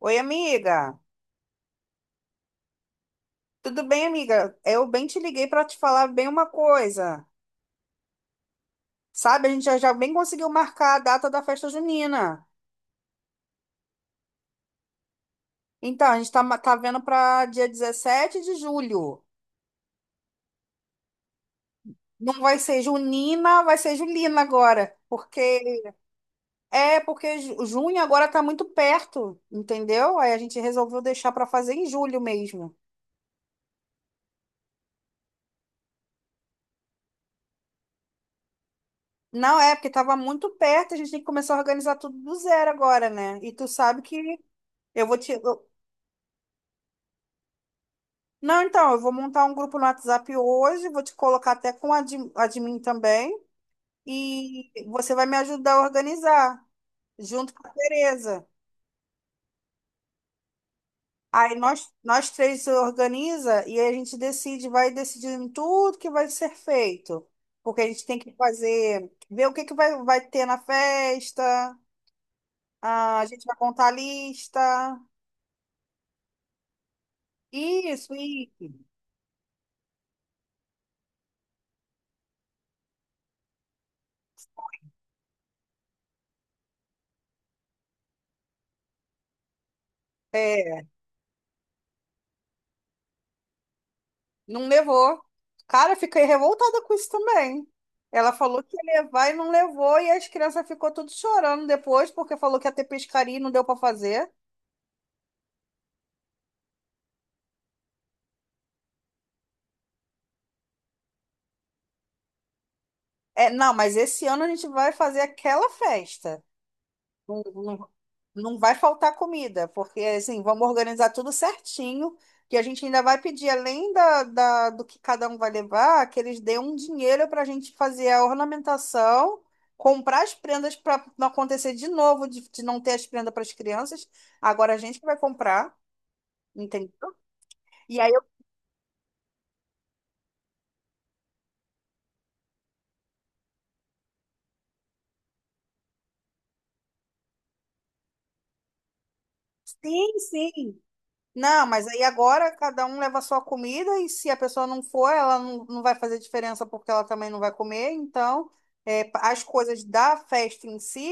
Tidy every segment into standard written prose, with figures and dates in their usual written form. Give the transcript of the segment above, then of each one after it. Oi, amiga. Tudo bem, amiga? Eu bem te liguei para te falar bem uma coisa. Sabe, a gente já bem conseguiu marcar a data da festa junina. Então, a gente tá vendo para dia 17 de julho. Não vai ser junina, vai ser julina agora. Porque é porque ju- junho agora tá muito perto, entendeu? Aí a gente resolveu deixar para fazer em julho mesmo. Não é porque tava muito perto, a gente tem que começar a organizar tudo do zero agora, né? E tu sabe que eu vou te, não, então, eu vou montar um grupo no WhatsApp hoje, vou te colocar até com admin também, e você vai me ajudar a organizar, junto com a Tereza. Aí nós três se organiza e aí a gente decide, vai decidindo tudo que vai ser feito. Porque a gente tem que fazer, ver o que que vai ter na festa, ah, a gente vai contar a lista. Isso, isso. É, não levou. Cara, fiquei revoltada com isso também. Ela falou que ia levar e não levou, e as crianças ficou tudo chorando depois, porque falou que ia ter pescaria e não deu para fazer. É, não, mas esse ano a gente vai fazer aquela festa. Não, não, não vai faltar comida, porque assim, vamos organizar tudo certinho, que a gente ainda vai pedir, além do que cada um vai levar, que eles dêem um dinheiro para a gente fazer a ornamentação, comprar as prendas para não acontecer de novo, de não ter as prendas para as crianças. Agora a gente que vai comprar, entendeu? E aí eu, sim, sim. Não, mas aí agora cada um leva a sua comida e se a pessoa não for, ela não vai fazer diferença porque ela também não vai comer. Então, é, as coisas da festa em si,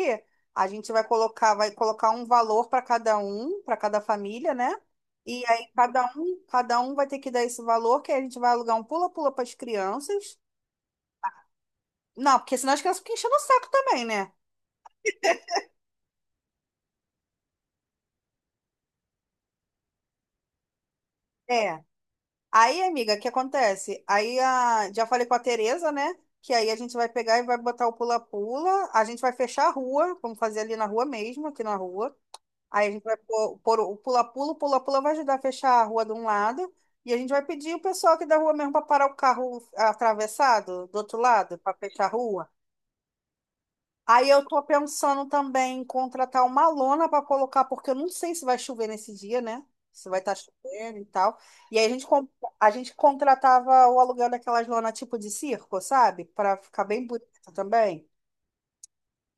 a gente vai colocar um valor para cada um, para cada família, né? E aí cada um vai ter que dar esse valor, que aí a gente vai alugar um pula-pula para as crianças. Não, porque senão as crianças ficam enchendo o saco também, né? É. Aí, amiga, o que acontece? Aí a, já falei com a Tereza, né? Que aí a gente vai pegar e vai botar o pula-pula. A gente vai fechar a rua, vamos fazer ali na rua mesmo, aqui na rua. Aí a gente vai pôr o pula-pula vai ajudar a fechar a rua de um lado. E a gente vai pedir o pessoal aqui da rua mesmo para parar o carro atravessado do outro lado, para fechar a rua. Aí eu tô pensando também em contratar uma lona para colocar, porque eu não sei se vai chover nesse dia, né? Se vai estar chovendo e tal. E aí a gente contratava o aluguel daquelas lonas tipo de circo, sabe? Para ficar bem bonito também.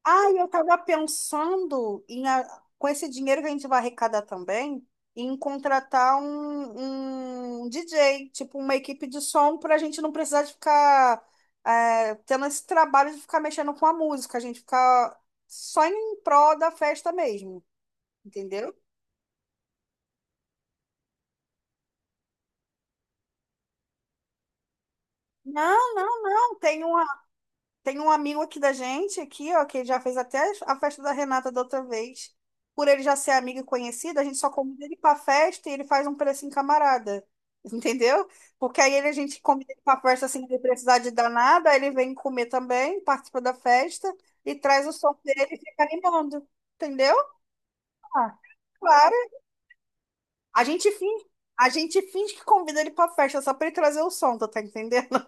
Ah, eu estava pensando com esse dinheiro que a gente vai arrecadar também, em contratar um DJ, tipo uma equipe de som, para a gente não precisar de ficar tendo esse trabalho de ficar mexendo com a música, a gente ficar só em prol da festa mesmo, entendeu? Não, não, não. Tem um amigo aqui da gente, aqui, ó, que já fez até a festa da Renata da outra vez. Por ele já ser amigo e conhecido, a gente só convida ele pra festa e ele faz um precinho camarada. Entendeu? Porque aí ele, a gente convida ele pra festa sem ele precisar de dar nada, aí ele vem comer também, participa da festa e traz o som dele e fica animando. Entendeu? Ah, claro. A gente finge, a gente finge que convida ele pra festa só pra ele trazer o som, tu tá entendendo?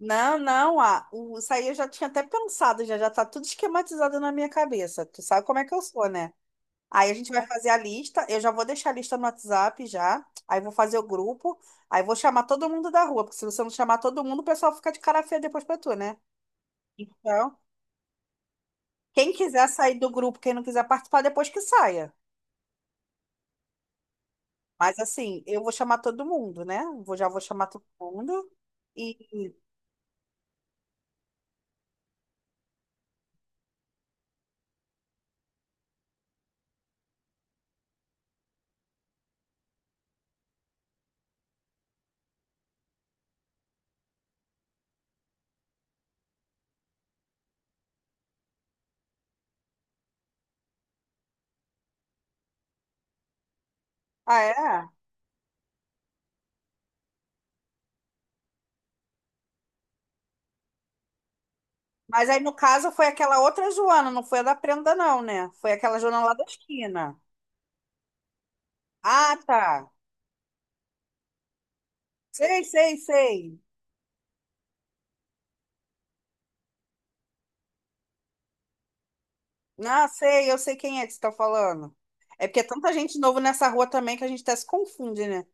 Não, não, isso aí eu já tinha até pensado, já tá tudo esquematizado na minha cabeça. Tu sabe como é que eu sou, né? Aí a gente vai fazer a lista, eu já vou deixar a lista no WhatsApp já, aí vou fazer o grupo, aí vou chamar todo mundo da rua, porque se você não chamar todo mundo, o pessoal fica de cara feia depois pra tu, né? Então, quem quiser sair do grupo, quem não quiser participar, depois que saia. Mas assim, eu vou chamar todo mundo, né? Já vou chamar todo mundo. E, ah, é? Mas aí, no caso, foi aquela outra Joana, não foi a da prenda, não, né? Foi aquela Joana lá da esquina. Ah, tá. Sei, sei, sei. Ah, sei, eu sei quem é que você tá falando. É porque é tanta gente nova nessa rua também que a gente até se confunde, né?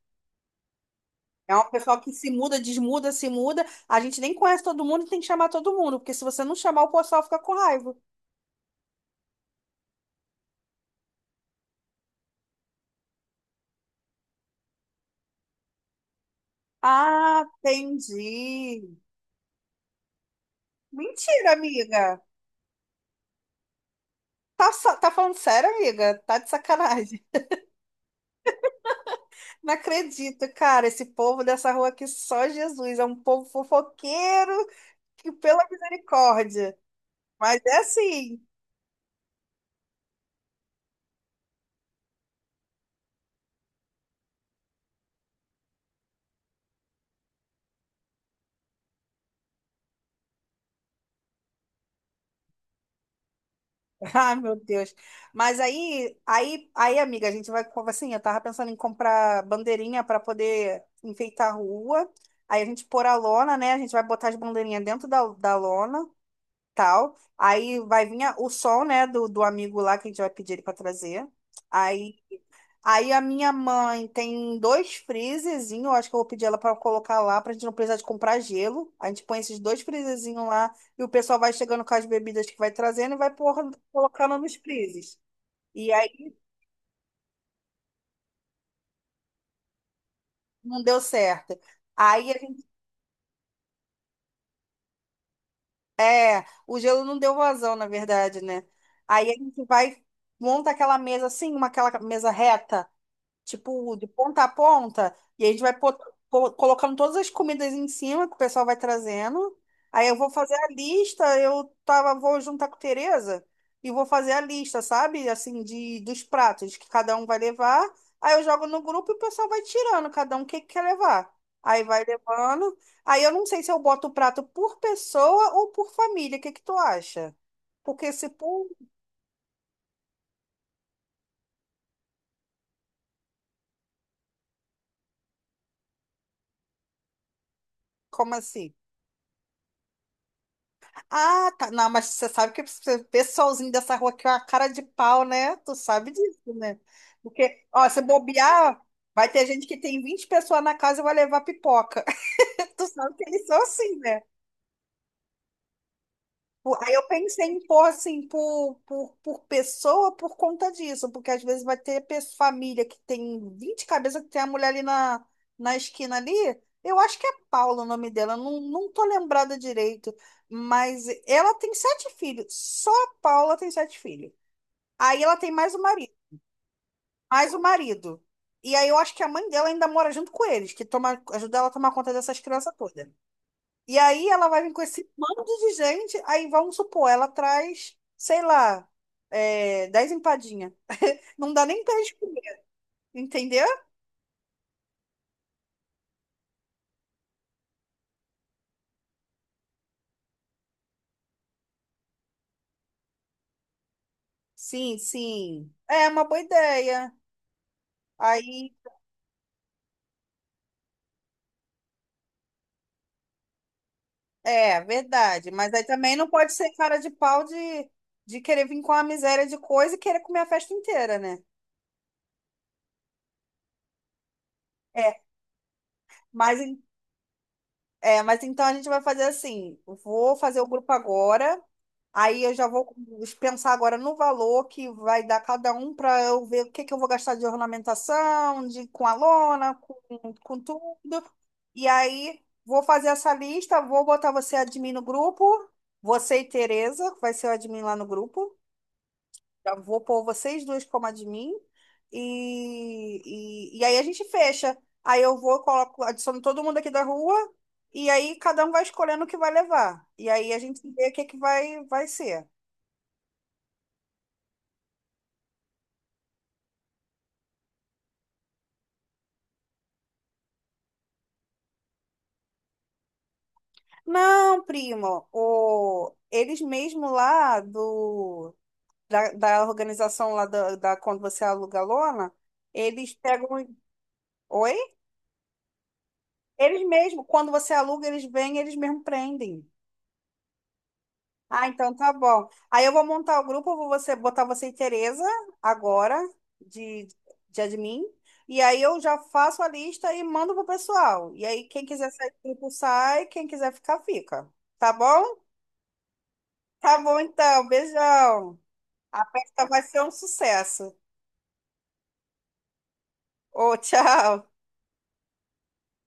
É um pessoal que se muda, desmuda, se muda. A gente nem conhece todo mundo e tem que chamar todo mundo, porque se você não chamar, o pessoal fica com raiva. Ah, entendi. Mentira, amiga. Tá falando sério, amiga? Tá de sacanagem. Não acredito, cara. Esse povo dessa rua aqui, só Jesus. É um povo fofoqueiro que, pela misericórdia. Mas é assim. Ah, meu Deus. Mas aí, amiga, a gente vai. Assim, eu tava pensando em comprar bandeirinha para poder enfeitar a rua. Aí a gente pôr a lona, né? A gente vai botar as bandeirinhas dentro da lona, tal. Aí vai vir o som, né, do amigo lá que a gente vai pedir ele para trazer. aí Aí a minha mãe tem dois freezerzinhos, eu acho que eu vou pedir ela para colocar lá, pra gente não precisar de comprar gelo. A gente põe esses dois freezerzinhos lá e o pessoal vai chegando com as bebidas que vai trazendo e vai colocando nos freezers. E aí não deu certo. Aí a gente, o gelo não deu vazão, na verdade, né? Aí a gente vai monta aquela mesa assim, uma aquela mesa reta tipo, de ponta a ponta, e a gente vai colocando todas as comidas em cima que o pessoal vai trazendo. Aí eu vou fazer a lista, eu tava, vou juntar com a Tereza e vou fazer a lista, sabe? Assim, dos pratos que cada um vai levar. Aí eu jogo no grupo e o pessoal vai tirando, cada um o que que quer levar. Aí vai levando. Aí eu não sei se eu boto o prato por pessoa ou por família. O que que tu acha? Porque se por. Como assim? Ah, tá. Não, mas você sabe que o pessoalzinho dessa rua aqui é uma cara de pau, né? Tu sabe disso, né? Porque, ó, se bobear, vai ter gente que tem 20 pessoas na casa e vai levar pipoca. Tu sabe que eles são assim, né? Pô, aí eu pensei em pôr assim por pessoa por conta disso, porque às vezes vai ter família que tem 20 cabeças, que tem a mulher ali na esquina ali. Eu acho que é Paula o nome dela, não tô lembrada direito, mas ela tem sete filhos, só a Paula tem sete filhos. Aí ela tem mais o marido, mais o marido. E aí eu acho que a mãe dela ainda mora junto com eles, que toma, ajuda ela a tomar conta dessas crianças todas. E aí ela vai vir com esse bando de gente, aí vamos supor, ela traz, sei lá, 10 empadinhas. Não dá nem pra gente comer, entendeu? Sim, sim. É uma boa ideia. Aí, é, verdade. Mas aí também não pode ser cara de pau de querer vir com a miséria de coisa e querer comer a festa inteira, né? É, mas, en- mas então a gente vai fazer assim: eu vou fazer o grupo agora. Aí eu já vou pensar agora no valor que vai dar cada um para eu ver o que que eu vou gastar de ornamentação, de com a lona, com tudo. E aí vou fazer essa lista, vou botar você admin no grupo, você e Tereza, que vai ser o admin lá no grupo. Já vou pôr vocês dois como admin. E aí a gente fecha. Aí eu vou, coloco, adiciono todo mundo aqui da rua, e aí cada um vai escolhendo o que vai levar. E aí a gente vê o que que vai ser. Não, primo, o, eles mesmo lá do, da organização lá quando você aluga a lona, eles pegam. Oi? Eles mesmo, quando você aluga, eles vêm, eles mesmo prendem. Ah, então tá bom. Aí eu vou montar o grupo, eu vou você, botar você e Tereza agora de, de admin. E aí eu já faço a lista e mando pro pessoal. E aí quem quiser sair do grupo sai, quem quiser ficar, fica. Tá bom? Tá bom então, beijão. A festa vai ser um sucesso. Ô, tchau.